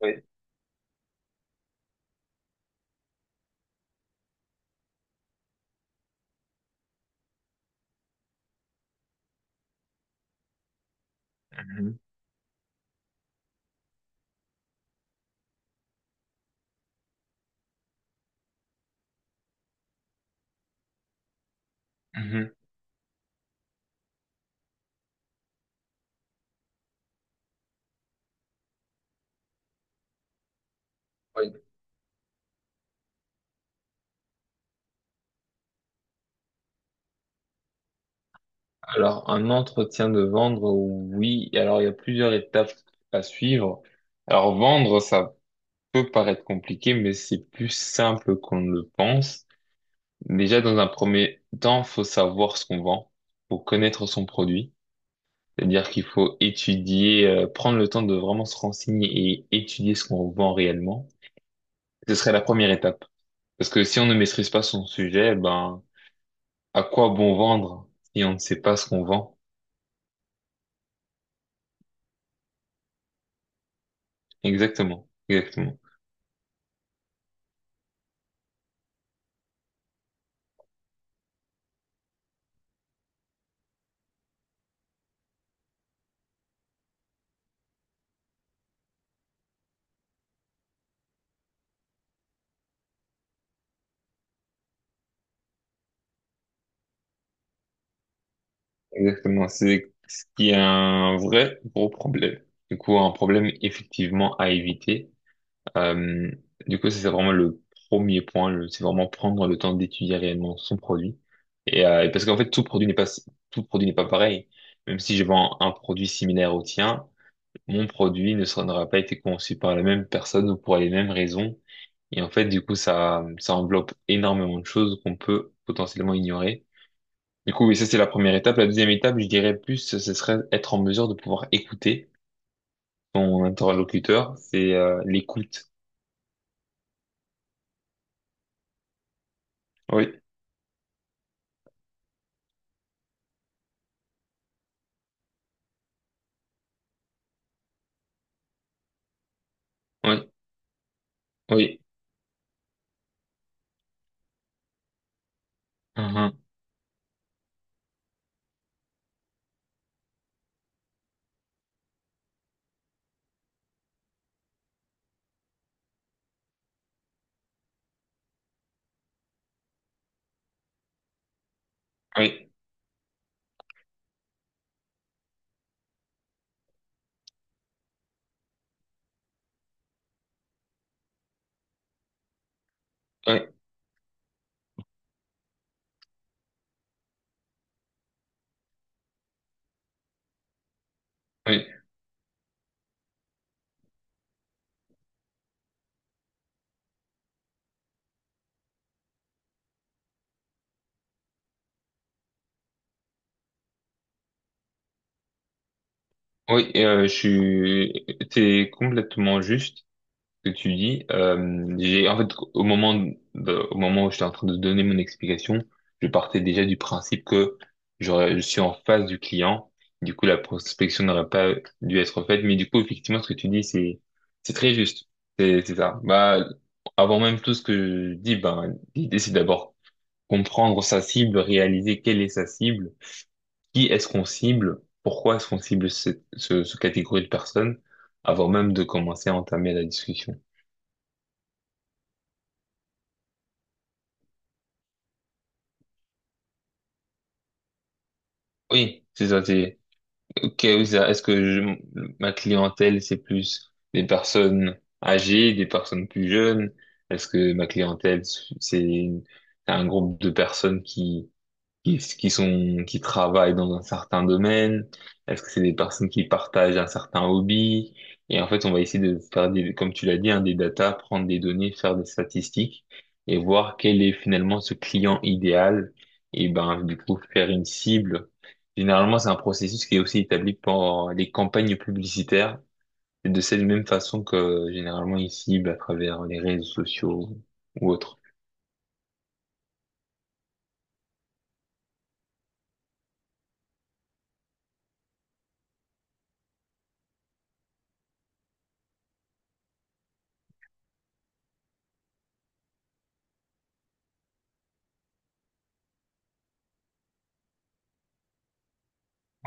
Oui. Mhm, mhm. Oui. Alors, un entretien de vendre, oui. Alors, il y a plusieurs étapes à suivre. Alors, vendre, ça peut paraître compliqué, mais c'est plus simple qu'on ne le pense. Déjà, dans un premier temps, faut savoir ce qu'on vend, faut connaître son produit. C'est-à-dire qu'il faut étudier, prendre le temps de vraiment se renseigner et étudier ce qu'on vend réellement. Ce serait la première étape. Parce que si on ne maîtrise pas son sujet, ben, à quoi bon vendre si on ne sait pas ce qu'on vend? Exactement, exactement, exactement. C'est ce qui est un vrai gros problème. Du coup, un problème effectivement à éviter. Euh, du coup, ça, c'est vraiment le premier point. C'est vraiment prendre le temps d'étudier réellement son produit. Et parce qu'en fait, tout produit n'est pas pareil. Même si je vends un produit similaire au tien, mon produit ne sera, n'aura pas été conçu par la même personne ou pour les mêmes raisons. Et en fait, du coup, ça enveloppe énormément de choses qu'on peut potentiellement ignorer. Du coup, oui, ça c'est la première étape. La deuxième étape, je dirais plus, ce serait être en mesure de pouvoir écouter son interlocuteur. C'est l'écoute. Oui, oui, oui, mhm. Oui, oui, oui, oui. Je suis, t'es complètement juste. Que tu dis. J'ai en fait au moment au moment où j'étais en train de donner mon explication, je partais déjà du principe que je suis en face du client. Du coup, la prospection n'aurait pas dû être faite. Mais du coup, effectivement, ce que tu dis, c'est très juste. C'est ça. Bah, avant même tout ce que je dis, ben l'idée c'est d'abord comprendre sa cible, réaliser quelle est sa cible, qui est-ce qu'on cible, pourquoi est-ce qu'on cible ce catégorie de personnes, avant même de commencer à entamer la discussion. Oui, c'est ça, ok, oui, c'est ça, ma clientèle, c'est plus des personnes âgées, des personnes plus jeunes? Est-ce que ma clientèle, c'est une- c'est un groupe de personnes qui sont, qui travaillent dans un certain domaine? Est-ce que c'est des personnes qui partagent un certain hobby? Et en fait, on va essayer de faire des, comme tu l'as dit, hein, des datas, prendre des données, faire des statistiques et voir quel est finalement ce client idéal. Et ben, du coup, faire une cible. Généralement, c'est un processus qui est aussi établi par les campagnes publicitaires. Et de cette même façon que généralement ils ciblent à travers les réseaux sociaux ou autres.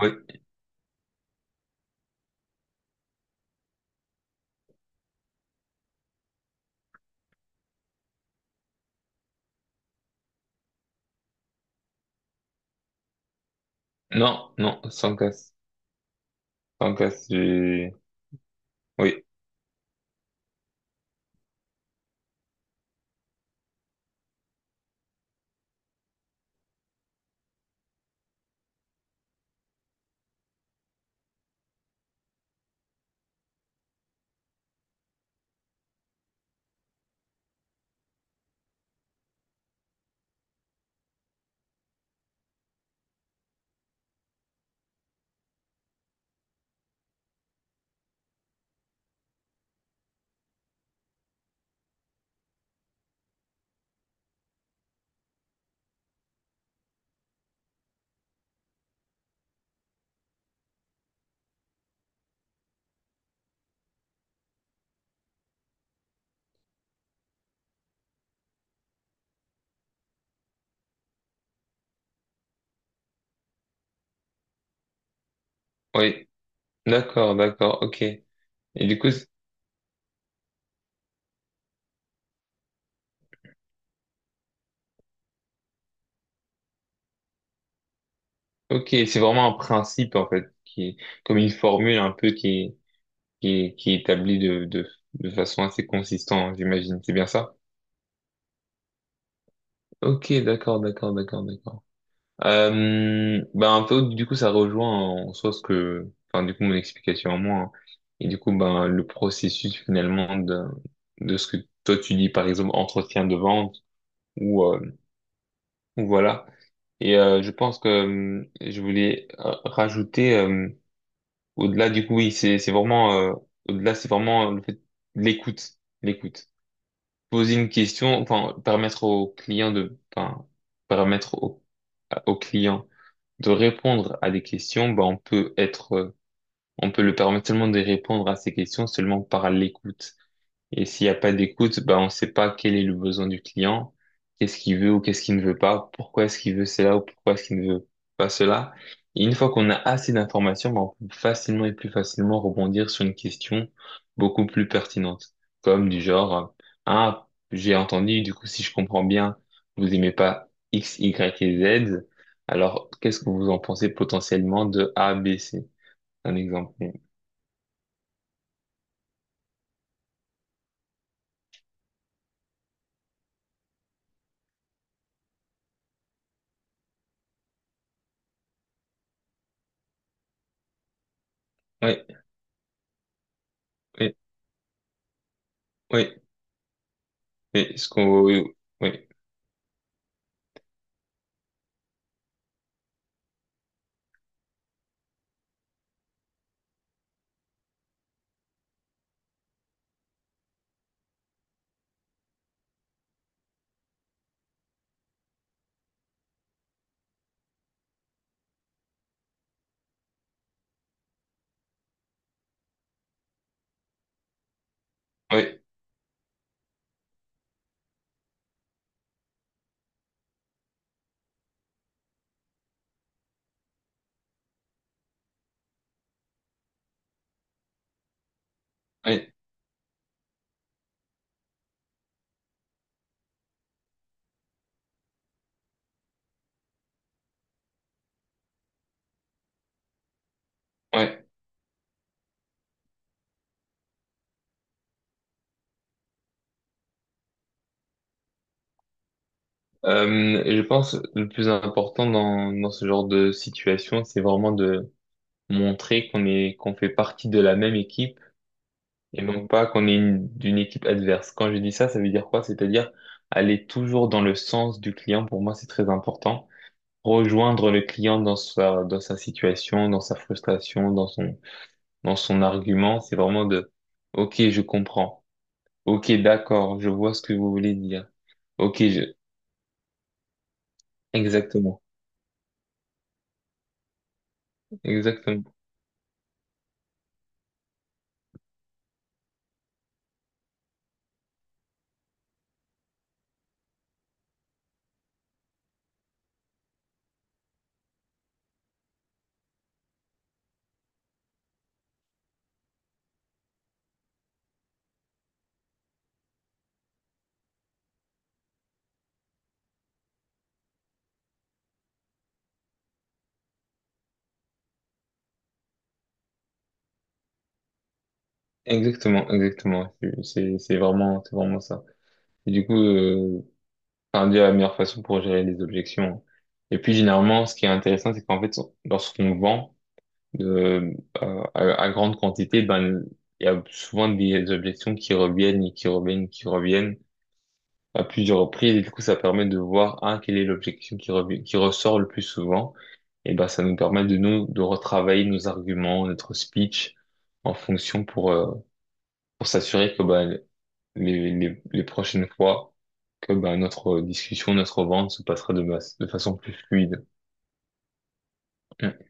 Oui. Non, non, sans casse. Sans casse. Oui, oui, d'accord, d'accord, ok. Et du coup, ok, c'est vraiment un principe en fait, qui est comme une formule un peu qui est établie de façon assez consistante, j'imagine. C'est bien ça? Ok, d'accord, d'accord, d'accord, d'accord. Ben un peu, du coup, ça rejoint en soi ce que, enfin, du coup, mon explication à moi. Hein. Et du coup, ben le processus finalement de ce que toi tu dis, par exemple, entretien de vente ou euh, ou voilà. Et je pense que je voulais rajouter au-delà du coup, oui, c'est vraiment au-delà, c'est vraiment le fait l'écoute, l'écoute. Poser une question, enfin permettre au client de, enfin permettre au client de répondre à des questions, bah on peut être, on peut le permettre seulement de répondre à ces questions seulement par l'écoute. Et s'il n'y a pas d'écoute, bah, on ne sait pas quel est le besoin du client, qu'est-ce qu'il veut ou qu'est-ce qu'il ne veut pas, pourquoi est-ce qu'il veut cela ou pourquoi est-ce qu'il ne veut pas cela. Et une fois qu'on a assez d'informations, bah, on peut facilement et plus facilement rebondir sur une question beaucoup plus pertinente, comme du genre, ah, j'ai entendu, du coup, si je comprends bien, vous aimez pas X, Y et Z, alors qu'est-ce que vous en pensez potentiellement de A, B, C? Un exemple. Oui, oui, oui, oui, oui, oui. Oui, ouais. Et je pense que le plus important dans ce genre de situation, c'est vraiment de montrer qu'on fait partie de la même équipe et non pas d'une équipe adverse. Quand je dis ça, ça veut dire quoi? C'est-à-dire aller toujours dans le sens du client. Pour moi, c'est très important. Rejoindre le client dans sa situation, dans sa frustration, dans son argument, c'est vraiment de OK, je comprends. OK, d'accord, je vois ce que vous voulez dire. OK, je... Exactement. Exactement. Exactement, exactement. C'est vraiment, c'est vraiment ça. Et du coup, enfin, dire la meilleure façon pour gérer les objections. Et puis, généralement, ce qui est intéressant, c'est qu'en fait, lorsqu'on vend euh, à grande quantité, ben, il y a souvent des objections qui reviennent et qui reviennent à plusieurs reprises. Et du coup, ça permet de voir, un, quelle est l'objection qui revient, qui ressort le plus souvent. Et ben, ça nous permet de retravailler nos arguments, notre speech en fonction pour s'assurer que, bah, les prochaines fois que bah, notre discussion, notre vente se passera de, de façon plus fluide. Mm.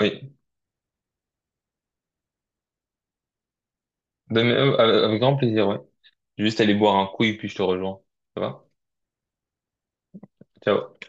Oui, ben, avec avec grand plaisir, ouais. Juste aller boire un coup et puis je te rejoins. Ça va? Ciao.